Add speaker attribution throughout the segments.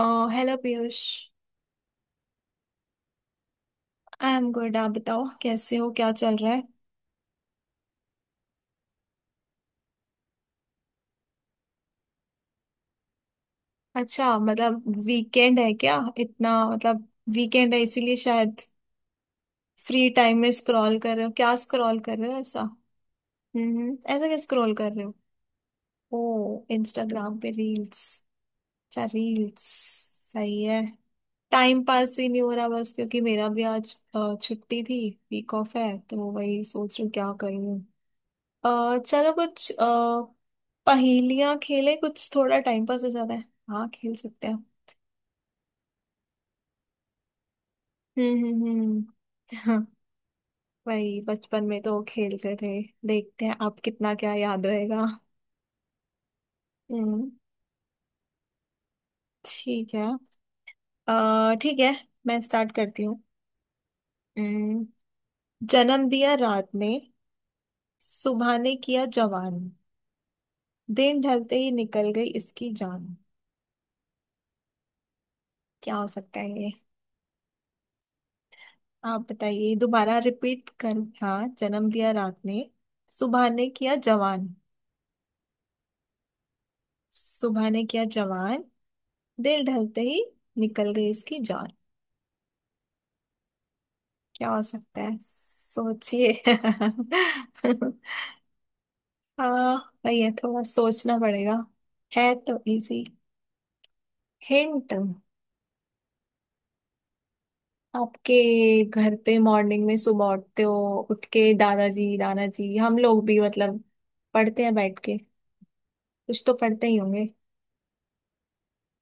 Speaker 1: Uh hello Piyush. I am good. आप बताओ कैसे हो, क्या चल रहा है। अच्छा, मतलब वीकेंड है क्या इतना मतलब। वीकेंड है इसीलिए शायद। फ्री टाइम में स्क्रॉल कर रहे हो, क्या स्क्रॉल कर रहे हो ऐसा। हम्म, ऐसा क्या स्क्रॉल कर रहे हो। ओ, इंस्टाग्राम पे रील्स। अच्छा, रील्स। सही है। टाइम पास ही नहीं हो रहा बस, क्योंकि मेरा भी आज छुट्टी थी। वीक ऑफ है तो वही सोच रही हूँ क्या करूँ। चलो कुछ पहेलियां खेले, कुछ थोड़ा टाइम पास हो जाता है। हाँ, खेल सकते हैं। हम्म। हम्म। हम्म। भाई बचपन में तो खेलते थे। देखते हैं आप कितना क्या याद रहेगा। हम्म। ठीक है। ठीक है। मैं स्टार्ट करती हूँ। हम्म, जन्म दिया रात ने। सुबह ने किया जवान। दिन ढलते ही निकल गई इसकी जान। क्या हो सकता है। आप बताइए दोबारा रिपीट कर। हाँ, जन्म दिया रात ने। सुबह ने किया जवान। सुबह ने किया जवान। दिल ढलते ही निकल गई इसकी जान। क्या हो सकता है, सोचिए। हाँ। भैया, थोड़ा सोचना पड़ेगा। है तो इजी। हिंट। आपके घर पे मॉर्निंग में सुबह उठते हो, उठ के दादाजी, नाना जी, हम लोग भी मतलब पढ़ते हैं बैठ के। कुछ तो पढ़ते ही होंगे।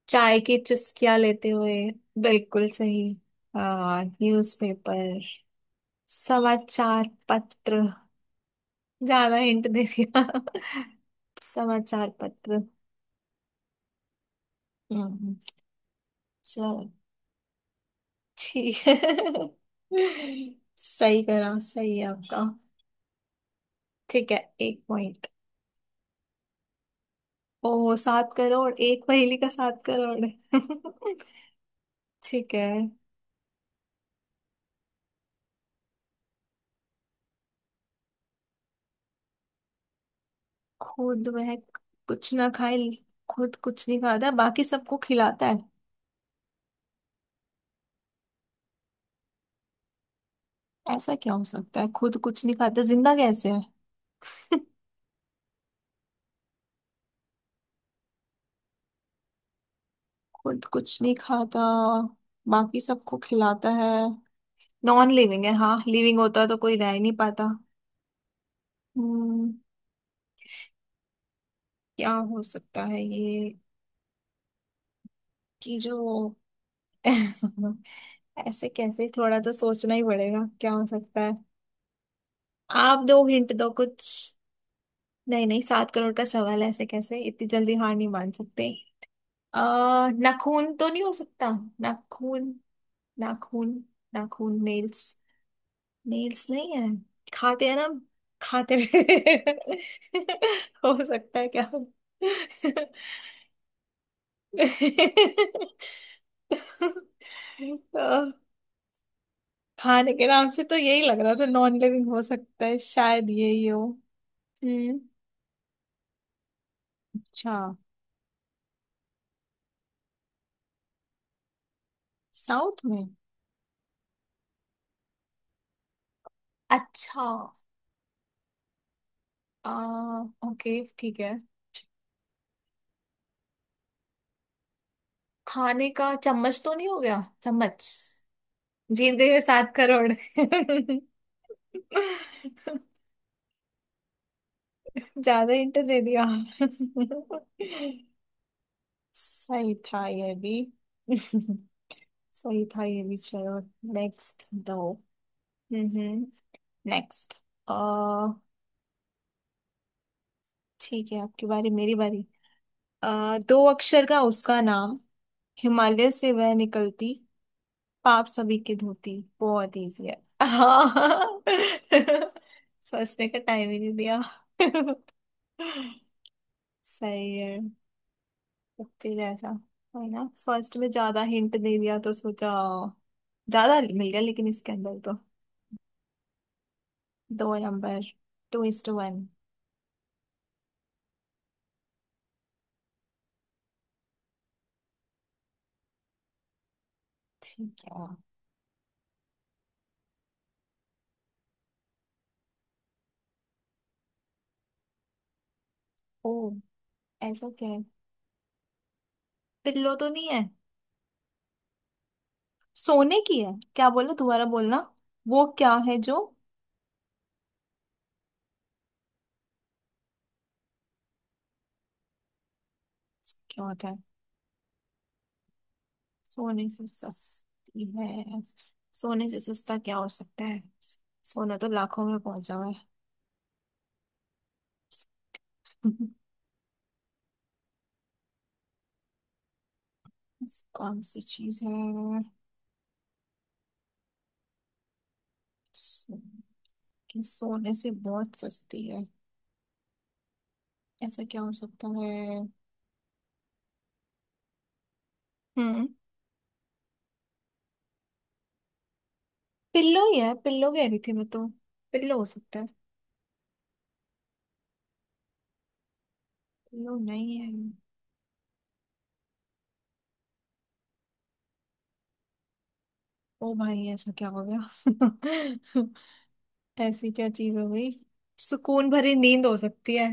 Speaker 1: चाय की चुस्कियां लेते हुए। बिल्कुल सही। हाँ, न्यूज़पेपर। समाचार पत्र। ज्यादा हिंट दे दिया। समाचार पत्र। हम्म। चलो ठीक है। सही करा, सही है आपका। ठीक है एक पॉइंट। ओ, सात करोड़। एक पहेली का सात करोड़ है। ठीक है। खुद वह कुछ ना खाए। खुद कुछ नहीं खाता, बाकी सबको खिलाता है। ऐसा क्या हो सकता है? खुद कुछ नहीं खाता, जिंदा कैसे है। खुद कुछ नहीं खाता, बाकी सबको खिलाता है। नॉन लिविंग है, हाँ। लिविंग होता तो कोई रह ही नहीं पाता। हम्म। क्या हो सकता है ये, कि जो। ऐसे कैसे, थोड़ा तो सोचना ही पड़ेगा। क्या हो सकता है। आप दो हिंट दो कुछ। नहीं नहीं, सात करोड़ का सवाल है, ऐसे कैसे इतनी जल्दी हार नहीं मान सकते। अ नाखून तो नहीं हो सकता। नाखून, नाखून, नाखून। नेल्स। नेल्स नहीं है। खाते हैं ना हम। खाते हुए। हो सकता है क्या? तो खाने के नाम से तो यही लग रहा था, नॉन लिविंग हो सकता है, शायद यही हो। हम्म। अच्छा। साउथ में। अच्छा। आ, ओके, ठीक है। खाने का चम्मच तो नहीं, हो गया चम्मच। जीत गई मैं सात करोड़। ज्यादा हिंट दे दिया। सही था ये भी। सही था ये भी, चलो। नेक्स्ट दो। हम्म। नेक्स्ट। अ ठीक है। आपकी बारी, मेरी बारी। दो अक्षर का उसका नाम। हिमालय से वह निकलती। पाप सभी के धोती। बहुत इजी है। हाँ। सोचने का टाइम ही नहीं दिया। सही है। कुत्ते जैसा। है ना, फर्स्ट में ज्यादा हिंट दे दिया तो सोचा ज्यादा मिल गया, लेकिन इसके अंदर तो। दो number. Two is two one. ठीक है। ओ, ऐसा क्या है? पिल्लो तो नहीं है। सोने की है? क्या बोला, दोबारा बोलना। वो क्या है जो। क्या होता है? सोने से सस्ती है। सोने से सस्ता क्या हो सकता है? सोना तो लाखों में पहुंचा हुआ है। कौन सी चीज है? सो- कि सोने से बहुत सस्ती है। ऐसा क्या हो सकता है? हम्म पिल्लो ही है, पिल्लो कह रही थी मैं तो। पिल्लो हो सकता है। पिल्लो नहीं है। ओ भाई, ऐसा क्या हो गया? ऐसी क्या चीज हो गई? सुकून भरी नींद हो सकती है।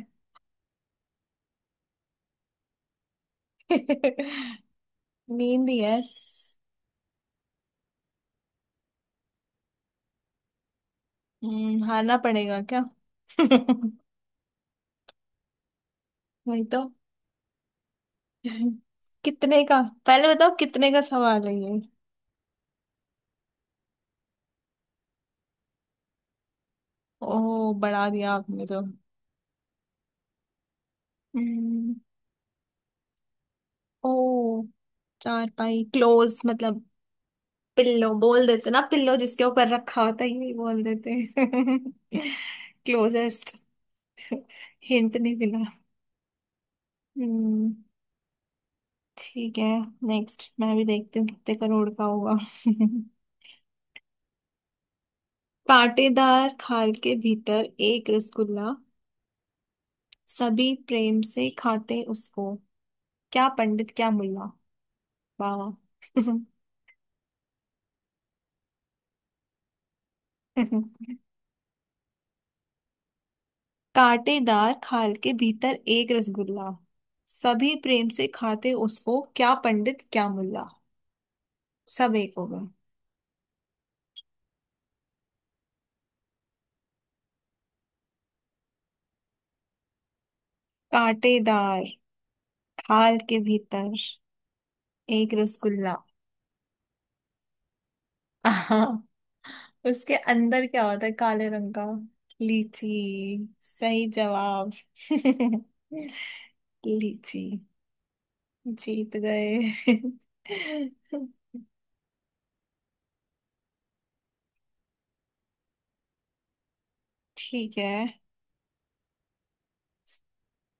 Speaker 1: नींद ही है। हारना पड़ेगा क्या? वही तो। कितने का पहले बताओ, कितने का सवाल है ये? ओ, बढ़ा दिया आपने तो। हम्म, ओ, चार पाई क्लोज मतलब। पिल्लो बोल देते ना, पिल्लो जिसके ऊपर रखा होता है यही बोल देते हैं। क्लोजेस्ट। हिंट नहीं मिला। हम्म। ठीक है। नेक्स्ट, मैं भी देखती हूँ कितने करोड़ का होगा। कांटेदार खाल के भीतर एक रसगुल्ला। सभी प्रेम से खाते उसको, क्या पंडित क्या मुल्ला। वाह वाह। कांटेदार खाल के भीतर एक रसगुल्ला। सभी प्रेम से खाते उसको, क्या पंडित क्या मुल्ला। सब एक होगा। कांटेदार खाल के भीतर एक रसगुल्ला। आहा। उसके अंदर क्या होता है, काले रंग का। लीची। सही जवाब। लीची। जीत गए। ठीक है।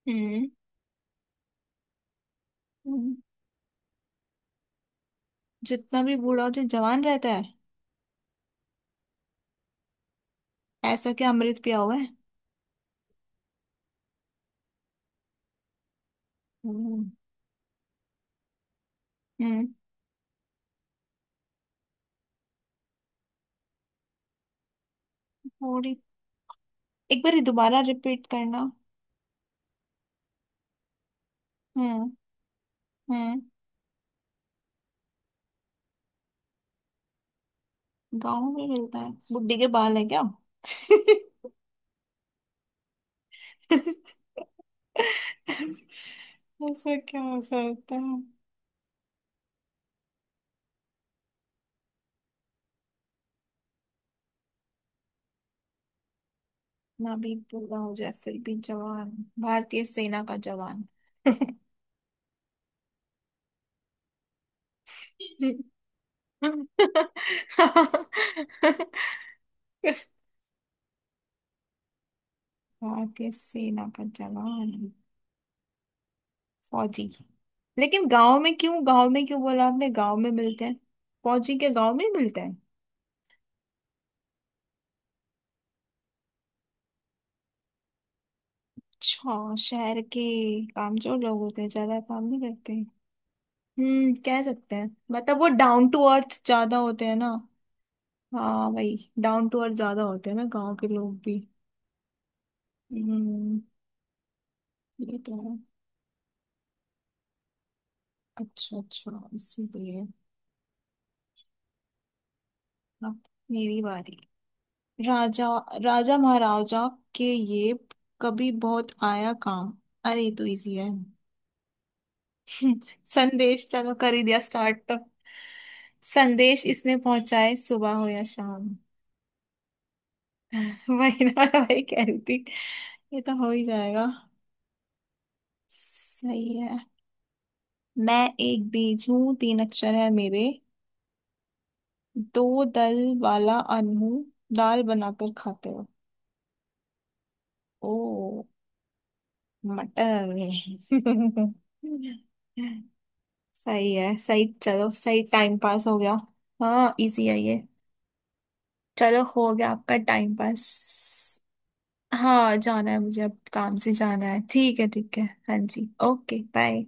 Speaker 1: हम्म। हम्म। जितना भी बूढ़ा हो, जो जवान रहता है। ऐसा क्या, अमृत पिया हुआ है? हम्म। हम्म, थोड़ी। एक बार दोबारा रिपीट करना। हम्म। हम्म। गाँव में मिलता है, बुड्ढी के बाल है क्या? ऐसा क्या हो सकता है? ना भी बूढ़ा हो जाए फिर भी जवान। भारतीय सेना का जवान। भारतीय सेना का जवान। फौजी। लेकिन गांव में क्यों, गांव में क्यों बोला आपने, गांव में मिलते हैं? फौजी के गांव में ही मिलते हैं? अच्छा, शहर के कामचोर लोग होते हैं, ज्यादा काम नहीं करते। हम्म, कह सकते हैं मतलब वो डाउन टू अर्थ ज्यादा होते हैं ना। हाँ, वही डाउन टू अर्थ ज्यादा होते हैं ना, गांव के लोग भी। हम्म, ये तो है। अच्छा अच्छा, इसीलिए। अब मेरी बारी। राजा, राजा महाराजा के ये कभी बहुत आया काम। अरे, ये तो इजी है। संदेश, चलो कर ही दिया स्टार्ट तो। संदेश इसने पहुंचाए सुबह हो या शाम। वही ना, वही कह रही थी। ये तो हो ही जाएगा। सही है। मैं एक बीज हूँ, तीन अक्षर है मेरे। दो दल वाला अन्न हूँ। दाल बनाकर खाते हो। ओ, मटर। सही है सही, चलो सही, टाइम पास हो गया। हाँ, इजी है ये। चलो, हो गया आपका टाइम पास। हाँ, जाना है मुझे, अब काम से जाना है। ठीक है, ठीक है। हाँ जी, ओके, बाय।